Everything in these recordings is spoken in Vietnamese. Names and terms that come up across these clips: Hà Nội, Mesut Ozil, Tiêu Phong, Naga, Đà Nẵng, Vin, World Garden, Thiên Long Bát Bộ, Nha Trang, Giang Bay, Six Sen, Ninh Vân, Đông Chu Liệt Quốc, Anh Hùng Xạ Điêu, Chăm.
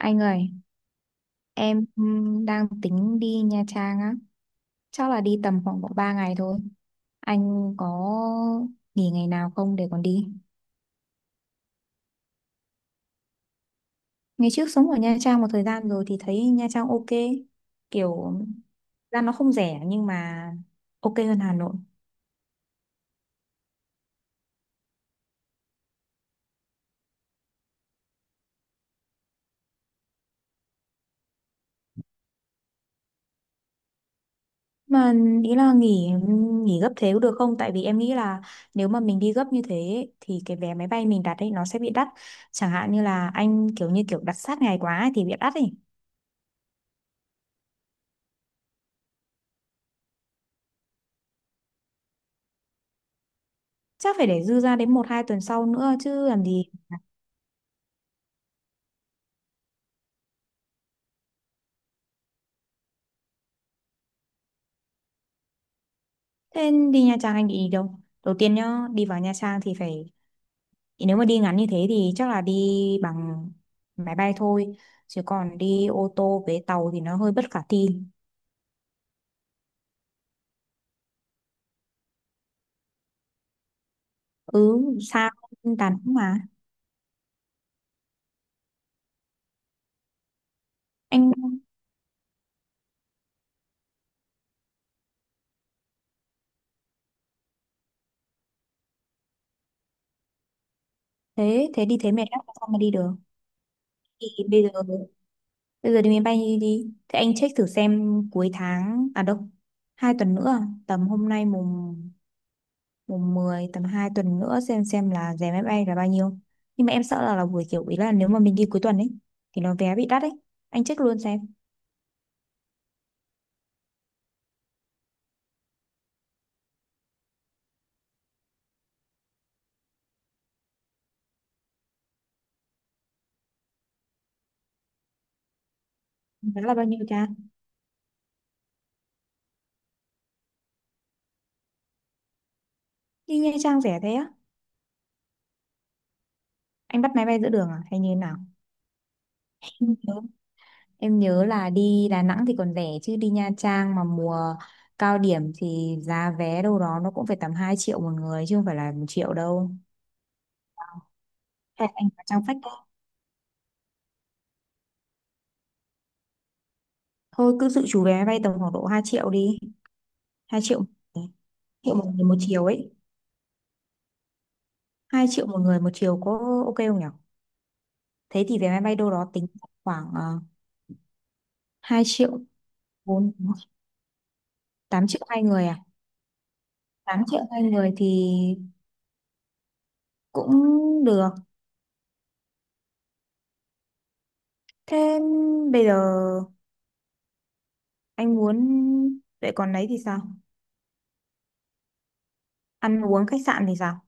Anh ơi, em đang tính đi Nha Trang á. Chắc là đi tầm khoảng độ 3 ngày thôi. Anh có nghỉ ngày nào không để còn đi? Ngày trước sống ở Nha Trang một thời gian rồi thì thấy Nha Trang ok. Kiểu ra nó không rẻ nhưng mà ok hơn Hà Nội. Mà ý là nghỉ nghỉ gấp thế có được không? Tại vì em nghĩ là nếu mà mình đi gấp như thế ấy, thì cái vé máy bay mình đặt ấy nó sẽ bị đắt. Chẳng hạn như là anh kiểu như kiểu đặt sát ngày quá ấy thì bị đắt ấy. Chắc phải để dư ra đến một hai tuần sau nữa chứ làm gì. Thế đi Nha Trang anh định đi đâu đầu tiên nhá, đi vào Nha Trang thì phải nếu mà đi ngắn như thế thì chắc là đi bằng máy bay thôi, chứ còn đi ô tô với tàu thì nó hơi bất khả thi. Ừ xa, tàn cũng mà anh, thế thế đi thế mệt lắm sao mà đi được. Thì bây giờ đi máy bay đi, đi. Thế anh check thử xem cuối tháng đâu hai tuần nữa à? Tầm hôm nay mùng mùng mười, tầm 2 tuần nữa xem là giá máy bay là bao nhiêu, nhưng mà em sợ là buổi kiểu ý là nếu mà mình đi cuối tuần ấy thì nó vé bị đắt ấy. Anh check luôn xem giá là bao nhiêu cha. Đi Nha Trang rẻ thế á? Anh bắt máy bay giữa đường à hay như thế nào? Em nhớ em nhớ là đi Đà Nẵng thì còn rẻ, chứ đi Nha Trang mà mùa cao điểm thì giá vé đâu đó nó cũng phải tầm 2 triệu một người chứ không phải là một triệu đâu. Hay anh vào trang phách, thôi cứ dự trù vé máy bay tầm khoảng độ 2 triệu đi. Hai triệu triệu một người một chiều ấy. Hai triệu một người một chiều có ok không nhỉ? Thế thì vé máy bay đâu đó tính khoảng 2 triệu 4, 8 triệu hai người à? 8 triệu hai người thì cũng được. Thế bây giờ anh muốn vậy, còn đấy thì sao? Ăn uống khách sạn thì sao?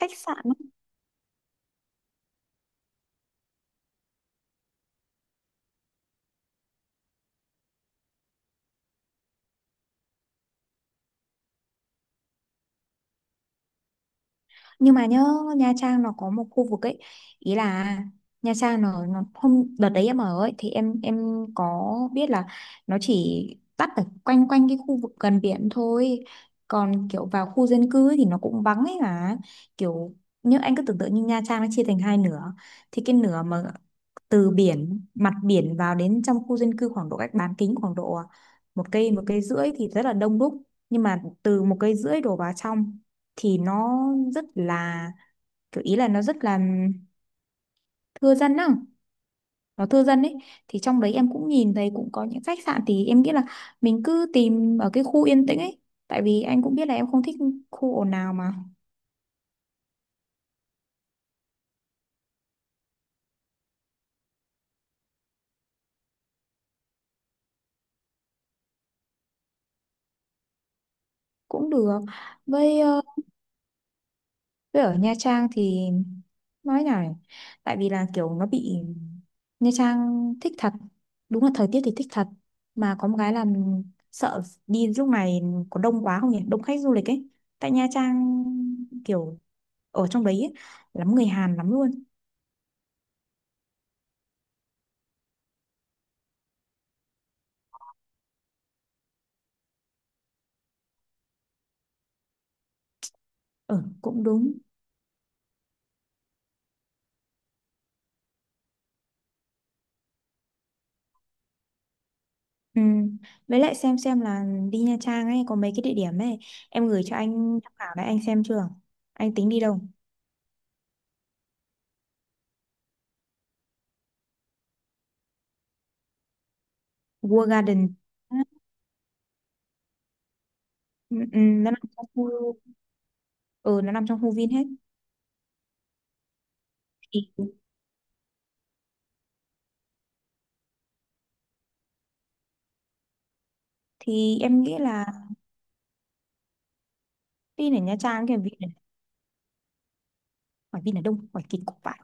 Khách sạn á, nhưng mà nhớ Nha Trang nó có một khu vực ấy. Ý là Nha Trang nó hôm đợt đấy em ở ấy thì em có biết là nó chỉ tắt ở quanh quanh cái khu vực gần biển thôi, còn kiểu vào khu dân cư ấy thì nó cũng vắng ấy mà. Kiểu như anh cứ tưởng tượng như Nha Trang nó chia thành hai nửa, thì cái nửa mà từ biển, mặt biển vào đến trong khu dân cư khoảng độ cách bán kính khoảng độ một cây rưỡi thì rất là đông đúc, nhưng mà từ một cây rưỡi đổ vào trong thì nó rất là kiểu ý là nó rất là thưa dân á, nó thưa dân ấy. Thì trong đấy em cũng nhìn thấy cũng có những khách sạn, thì em nghĩ là mình cứ tìm ở cái khu yên tĩnh ấy, tại vì anh cũng biết là em không thích khu ồn ào mà. Cũng được. Với với ở Nha Trang thì nói nào nhỉ? Tại vì là kiểu nó bị, Nha Trang thích thật, đúng là thời tiết thì thích thật, mà có một cái là mình sợ đi lúc này có đông quá không nhỉ, đông khách du lịch ấy. Tại Nha Trang kiểu ở trong đấy ấy, lắm người Hàn lắm luôn. Ừ cũng đúng. Ừ. Với lại xem là đi Nha Trang ấy có mấy cái địa điểm ấy em gửi cho anh tham khảo đấy, anh xem chưa, anh tính đi đâu? World Garden. Ừ, ừ, nó nằm trong khu, ừ, nó nằm trong khu Vin hết. Thì, thì em nghĩ là đi đến Nha Trang kiểu vì hỏi Vin là đông hỏi kinh khủng vãi.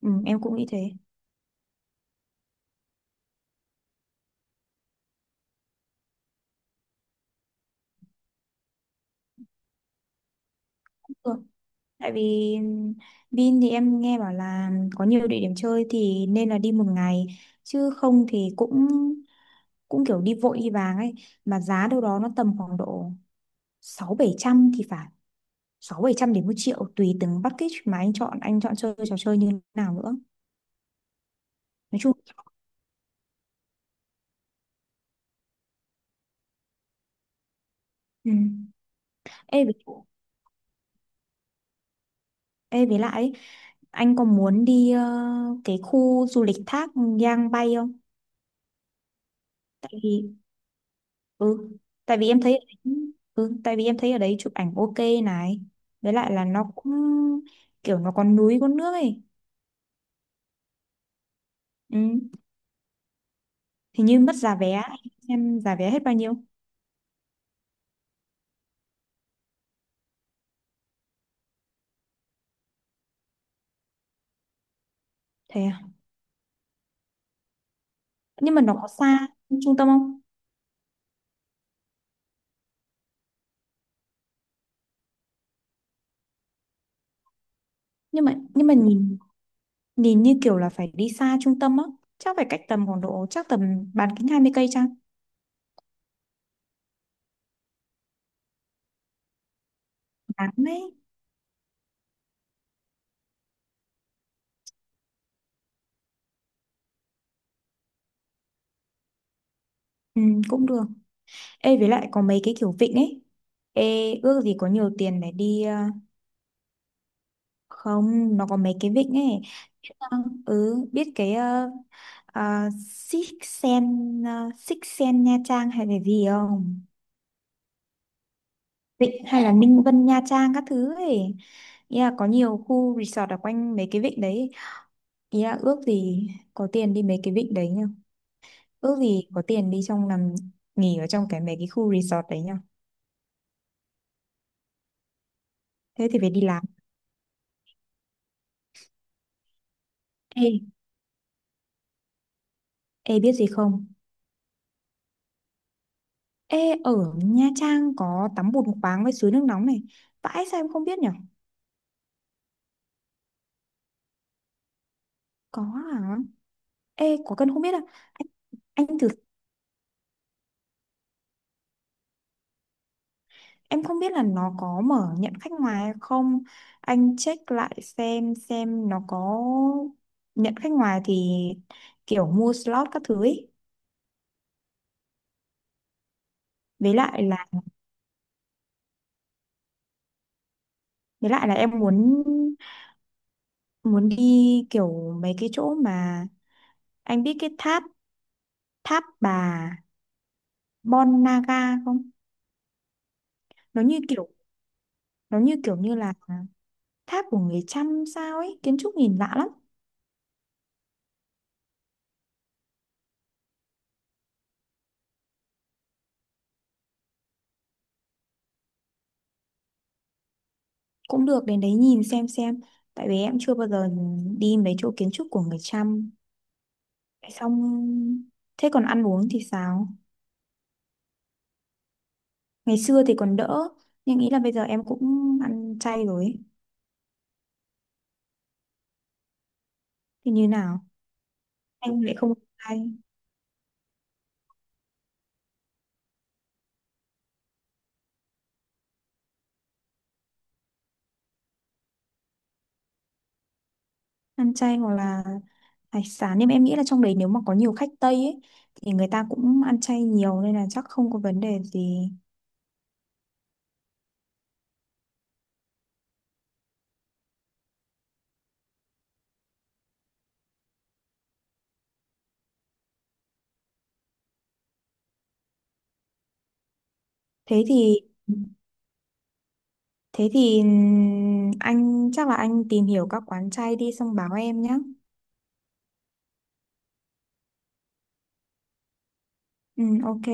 Ừ, em cũng nghĩ thế. Ừ. Tại vì Vin thì em nghe bảo là có nhiều địa điểm chơi thì nên là đi một ngày, chứ không thì cũng cũng kiểu đi vội đi vàng ấy, mà giá đâu đó nó tầm khoảng độ sáu bảy trăm thì phải, sáu bảy trăm đến một triệu tùy từng package mà anh chọn, anh chọn chơi trò chơi như nào nữa. Nói chung ừ. Ê, ê với lại ấy, anh có muốn đi cái khu du lịch thác Giang Bay không? Tại vì ừ tại vì em thấy ở đấy, ừ tại vì em thấy ở đấy chụp ảnh ok này. Với lại là nó cũng kiểu nó có núi có nước ấy. Ừ hình như mất giá vé, em giá vé hết bao nhiêu? Thế à? Nhưng mà nó có xa trung tâm không? Nhưng mà nhìn nhìn như kiểu là phải đi xa trung tâm á, chắc phải cách tầm khoảng độ chắc tầm bán kính 20 cây chăng. Bán đấy. Ừ, cũng được. Ê với lại có mấy cái kiểu vịnh ấy, ê ước gì có nhiều tiền để đi không nó có mấy cái vịnh ấy. Vâng, ừ biết cái Six Sen Nha Trang hay là gì không? Vịnh hay là Ninh Vân Nha Trang các thứ ấy. Ý là có nhiều khu resort ở quanh mấy cái vịnh đấy. Ý là ước gì có tiền đi mấy cái vịnh đấy nhá. Ước gì có tiền đi trong nằm nghỉ ở trong cái mấy cái khu resort đấy nhá. Thế thì phải đi làm. Ê, ê biết gì không? Ê ở Nha Trang có tắm bùn khoáng với suối nước nóng này. Vãi sao em không biết nhở? Có hả? Ê có cần không biết à? anh Anh thử. Em không biết là nó có mở nhận khách ngoài hay không. Anh check lại xem nó có nhận khách ngoài thì kiểu mua slot các thứ ấy. Với lại là với lại là em muốn muốn đi kiểu mấy cái chỗ mà anh biết cái tháp, tháp bà Bon Naga không? Nó như kiểu nó như kiểu như là tháp của người Chăm sao ấy, kiến trúc nhìn lạ lắm. Cũng được đến đấy nhìn xem xem. Tại vì em chưa bao giờ đi mấy chỗ kiến trúc của người Chăm. Xong thế còn ăn uống thì sao, ngày xưa thì còn đỡ nhưng nghĩ là bây giờ em cũng ăn chay rồi ấy. Thì như nào, em lại không ăn chay. Ăn chay hoặc là hải sản, nhưng mà em nghĩ là trong đấy nếu mà có nhiều khách Tây ấy thì người ta cũng ăn chay nhiều nên là chắc không có vấn đề gì. Thế thì thế thì anh chắc là anh tìm hiểu các quán chay đi xong báo em nhé. Ừ ok.